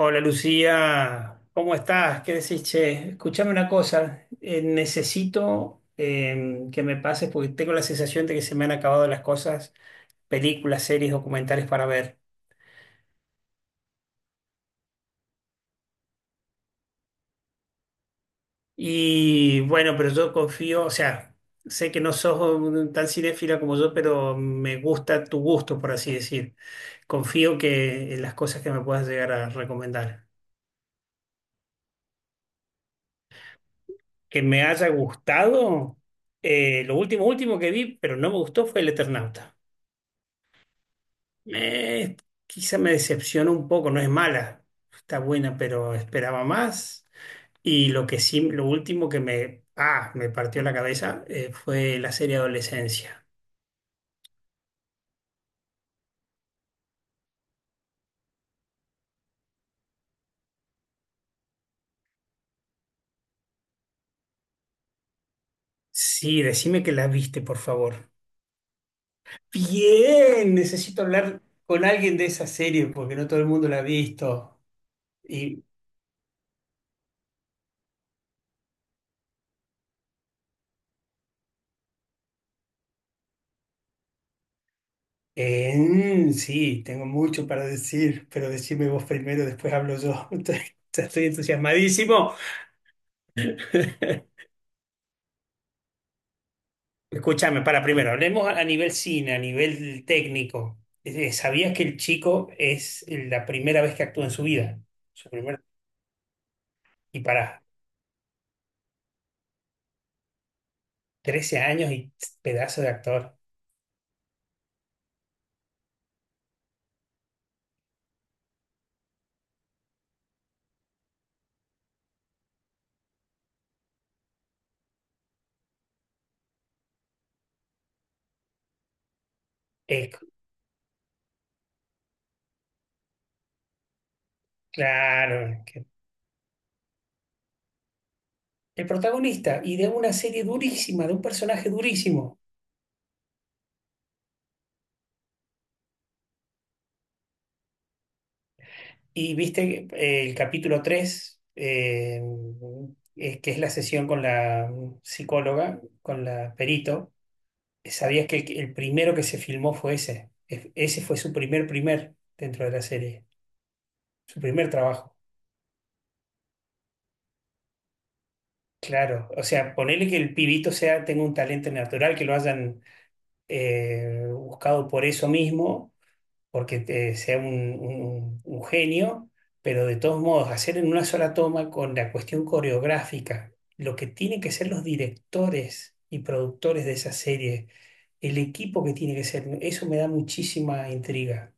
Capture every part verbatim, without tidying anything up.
Hola Lucía, ¿cómo estás? ¿Qué decís, che? Escuchame una cosa, eh, necesito eh, que me pases porque tengo la sensación de que se me han acabado las cosas, películas, series, documentales para ver. Y bueno, pero yo confío, o sea, sé que no sos un- tan cinéfila como yo, pero me gusta tu gusto, por así decir. Confío que en las cosas que me puedas llegar a recomendar. Que me haya gustado, eh, lo último, último que vi, pero no me gustó fue El Eternauta. Me, quizá me decepcionó un poco, no es mala, está buena, pero esperaba más. Y lo que sí, lo último que me, ah, me partió la cabeza eh, fue la serie Adolescencia. Sí, decime que la viste, por favor. Bien, necesito hablar con alguien de esa serie porque no todo el mundo la ha visto. Y eh, sí, tengo mucho para decir, pero decime vos primero, después hablo yo. Estoy- estoy entusiasmadísimo. Escúchame, para primero, hablemos a a nivel cine, a nivel técnico. Eh, eh, ¿Sabías que el chico es la primera vez que actúa en su vida? Su primer- y para trece años y pedazo de actor. Es claro, que- el protagonista y de una serie durísima, de un personaje durísimo. Y viste eh, el capítulo tres eh, eh, que es la sesión con la psicóloga, con la perito. ¿Sabías que el, el primero que se filmó fue ese? E- Ese fue su primer primer dentro de la serie, su primer trabajo. Claro, o sea, ponele que el pibito sea, tenga un talento natural, que lo hayan eh, buscado por eso mismo, porque eh, sea un, un- un genio, pero de todos modos, hacer en una sola toma con la cuestión coreográfica, lo que tienen que ser los directores y productores de esa serie, el equipo que tiene que ser, eso me da muchísima intriga.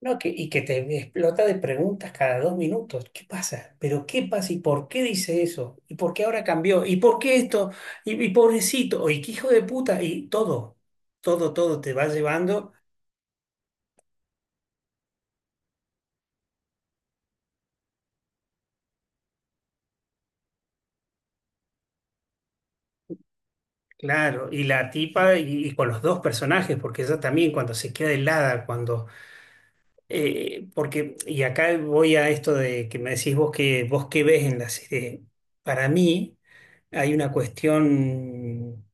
No, que, y que te explota de preguntas cada dos minutos. ¿Qué pasa? ¿Pero qué pasa? ¿Y por qué dice eso? ¿Y por qué ahora cambió? ¿Y por qué esto? ¿Y, y pobrecito? ¿Y qué hijo de puta? Y todo, todo, todo te va llevando. Claro, y la tipa y, y con los dos personajes, porque ella también cuando se queda helada, cuando... eh, porque, y acá voy a esto de que me decís vos que vos qué ves en la serie. Para mí hay una cuestión.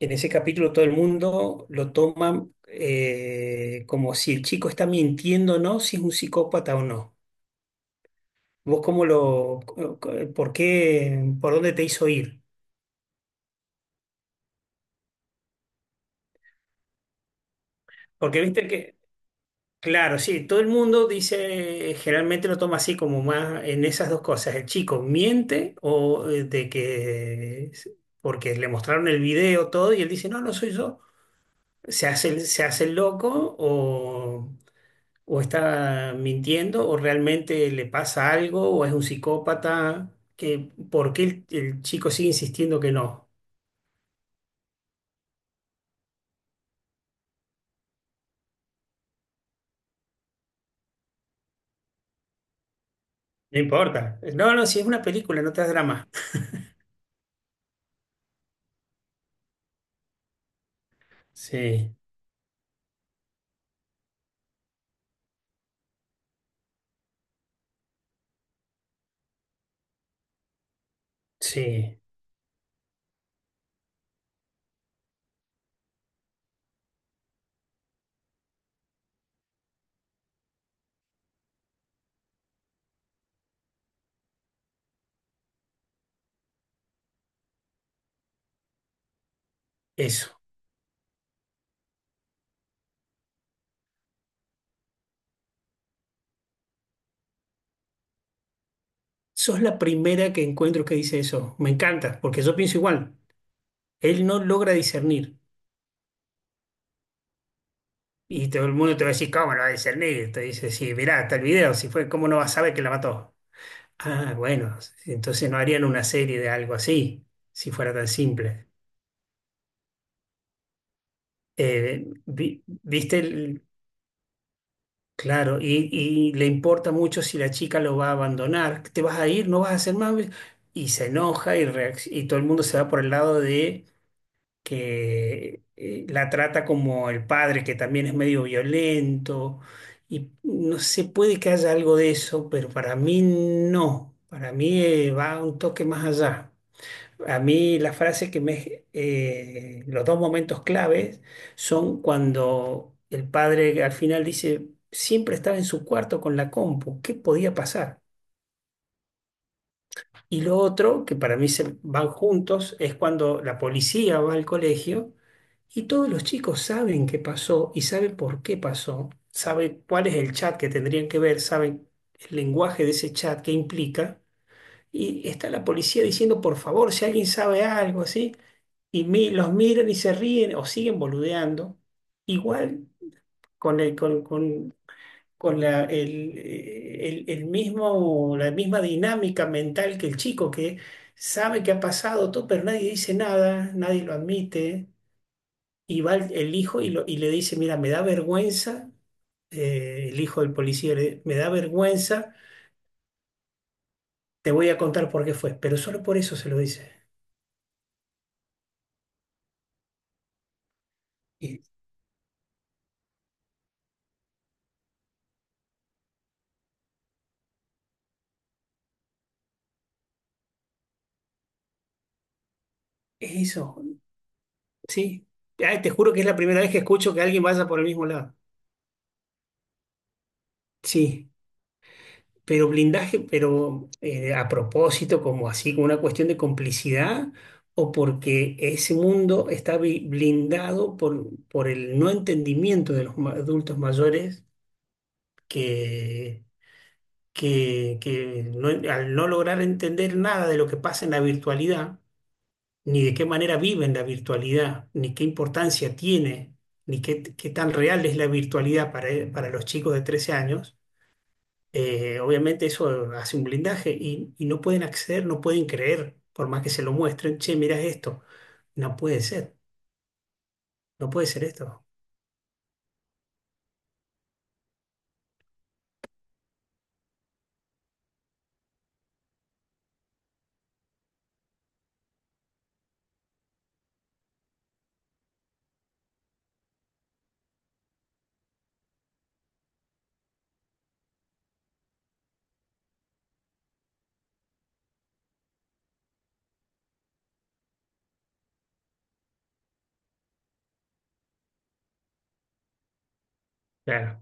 En ese capítulo todo el mundo lo toma eh, como si el chico está mintiendo o no, si es un psicópata o no. ¿Vos cómo lo, co- co- por qué, por dónde te hizo ir? Porque viste que, claro, sí, todo el mundo dice, generalmente lo toma así como más en esas dos cosas. El chico miente o eh, de que, porque le mostraron el video todo y él dice, no, no soy yo. Se hace, el- se hace el loco o está mintiendo o realmente le pasa algo o es un psicópata, que ¿por qué el, el chico sigue insistiendo que no? No importa. No, no, si es una película, no te das drama. Sí, sí, eso. Sos la primera que encuentro que dice eso. Me encanta, porque yo pienso igual. Él no logra discernir. Y todo el mundo te va a decir, ¿cómo no va a discernir? Te dice, sí, mirá, está el video, si fue, ¿cómo no vas a saber que la mató? Ah, bueno, entonces no harían una serie de algo así, si fuera tan simple. Eh, vi- viste, el- claro, y, y le importa mucho si la chica lo va a abandonar, te vas a ir, no vas a hacer más, y se enoja y, reacc- y todo el mundo se va por el lado de que eh, la trata como el padre, que también es medio violento, y no sé, puede que haya algo de eso, pero para mí no, para mí eh, va un toque más allá. A mí las frases que me... eh, los dos momentos claves son cuando el padre al final dice, siempre estaba en su cuarto con la compu, ¿qué podía pasar? Y lo otro, que para mí se van juntos, es cuando la policía va al colegio y todos los chicos saben qué pasó y saben por qué pasó, saben cuál es el chat que tendrían que ver, saben el lenguaje de ese chat, qué implica. Y está la policía diciendo, por favor, si alguien sabe algo, así y mi- los miran y se ríen o siguen boludeando, igual con el, con, con- con la, el, eh, el- el mismo, la misma dinámica mental que el chico que sabe que ha pasado todo, pero nadie dice nada, nadie lo admite, y va el, el hijo y, lo- y le dice, mira, me da vergüenza, eh, el hijo del policía, le- me da vergüenza, te voy a contar por qué fue, pero solo por eso se lo dice. Y es eso, sí. Ay, te juro que es la primera vez que escucho que alguien vaya por el mismo lado. Sí, pero blindaje, pero eh, a propósito, como así, como una cuestión de complicidad, o porque ese mundo está bi- blindado por, por el no entendimiento de los ma- adultos mayores que, que, que no- al no lograr entender nada de lo que pasa en la virtualidad, ni de qué manera viven la virtualidad, ni qué importancia tiene, ni qué, qué tan real es la virtualidad para, para los chicos de trece años eh, obviamente eso hace un blindaje y, y no pueden acceder, no pueden creer, por más que se lo muestren, che, mirá esto, no puede ser, no puede ser esto. Claro,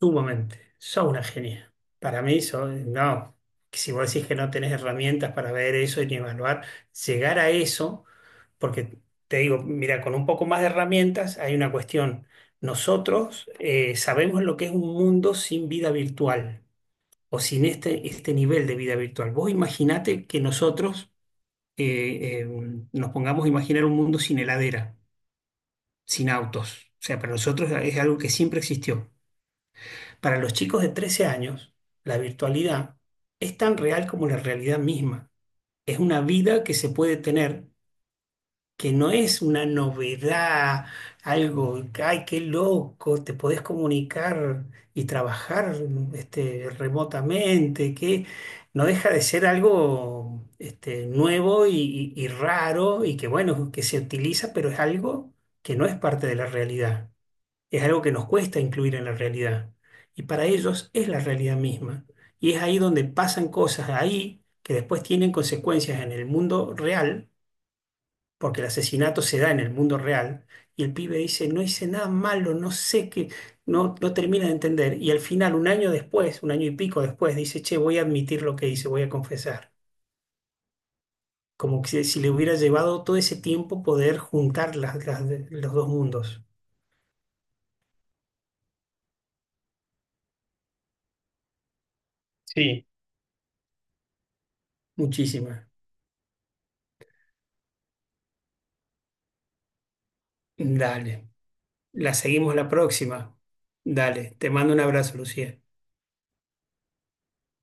sumamente, sos una genia. Para mí, sos- no, que si vos decís que no tenés herramientas para ver eso y ni evaluar, llegar a eso, porque te digo, mira, con un poco más de herramientas hay una cuestión. Nosotros eh, sabemos lo que es un mundo sin vida virtual. O sin este, este nivel de vida virtual. Vos imaginate que nosotros eh, eh, nos pongamos a imaginar un mundo sin heladera, sin autos. O sea, para nosotros es algo que siempre existió. Para los chicos de trece años, la virtualidad es tan real como la realidad misma. Es una vida que se puede tener que no es una novedad, algo, ay, qué loco, te podés comunicar y trabajar este, remotamente, que no deja de ser algo este, nuevo y, y- y raro y que bueno, que se utiliza, pero es algo que no es parte de la realidad, es algo que nos cuesta incluir en la realidad y para ellos es la realidad misma. Y es ahí donde pasan cosas ahí que después tienen consecuencias en el mundo real porque el asesinato se da en el mundo real, y el pibe dice, no hice nada malo, no sé qué, no, no termina de entender. Y al final, un año después, un año y pico después, dice, che, voy a admitir lo que hice, voy a confesar. Como que si, si le hubiera llevado todo ese tiempo poder juntar las, las- los dos mundos. Sí, muchísimas. Dale. La seguimos la próxima. Dale. Te mando un abrazo, Lucía.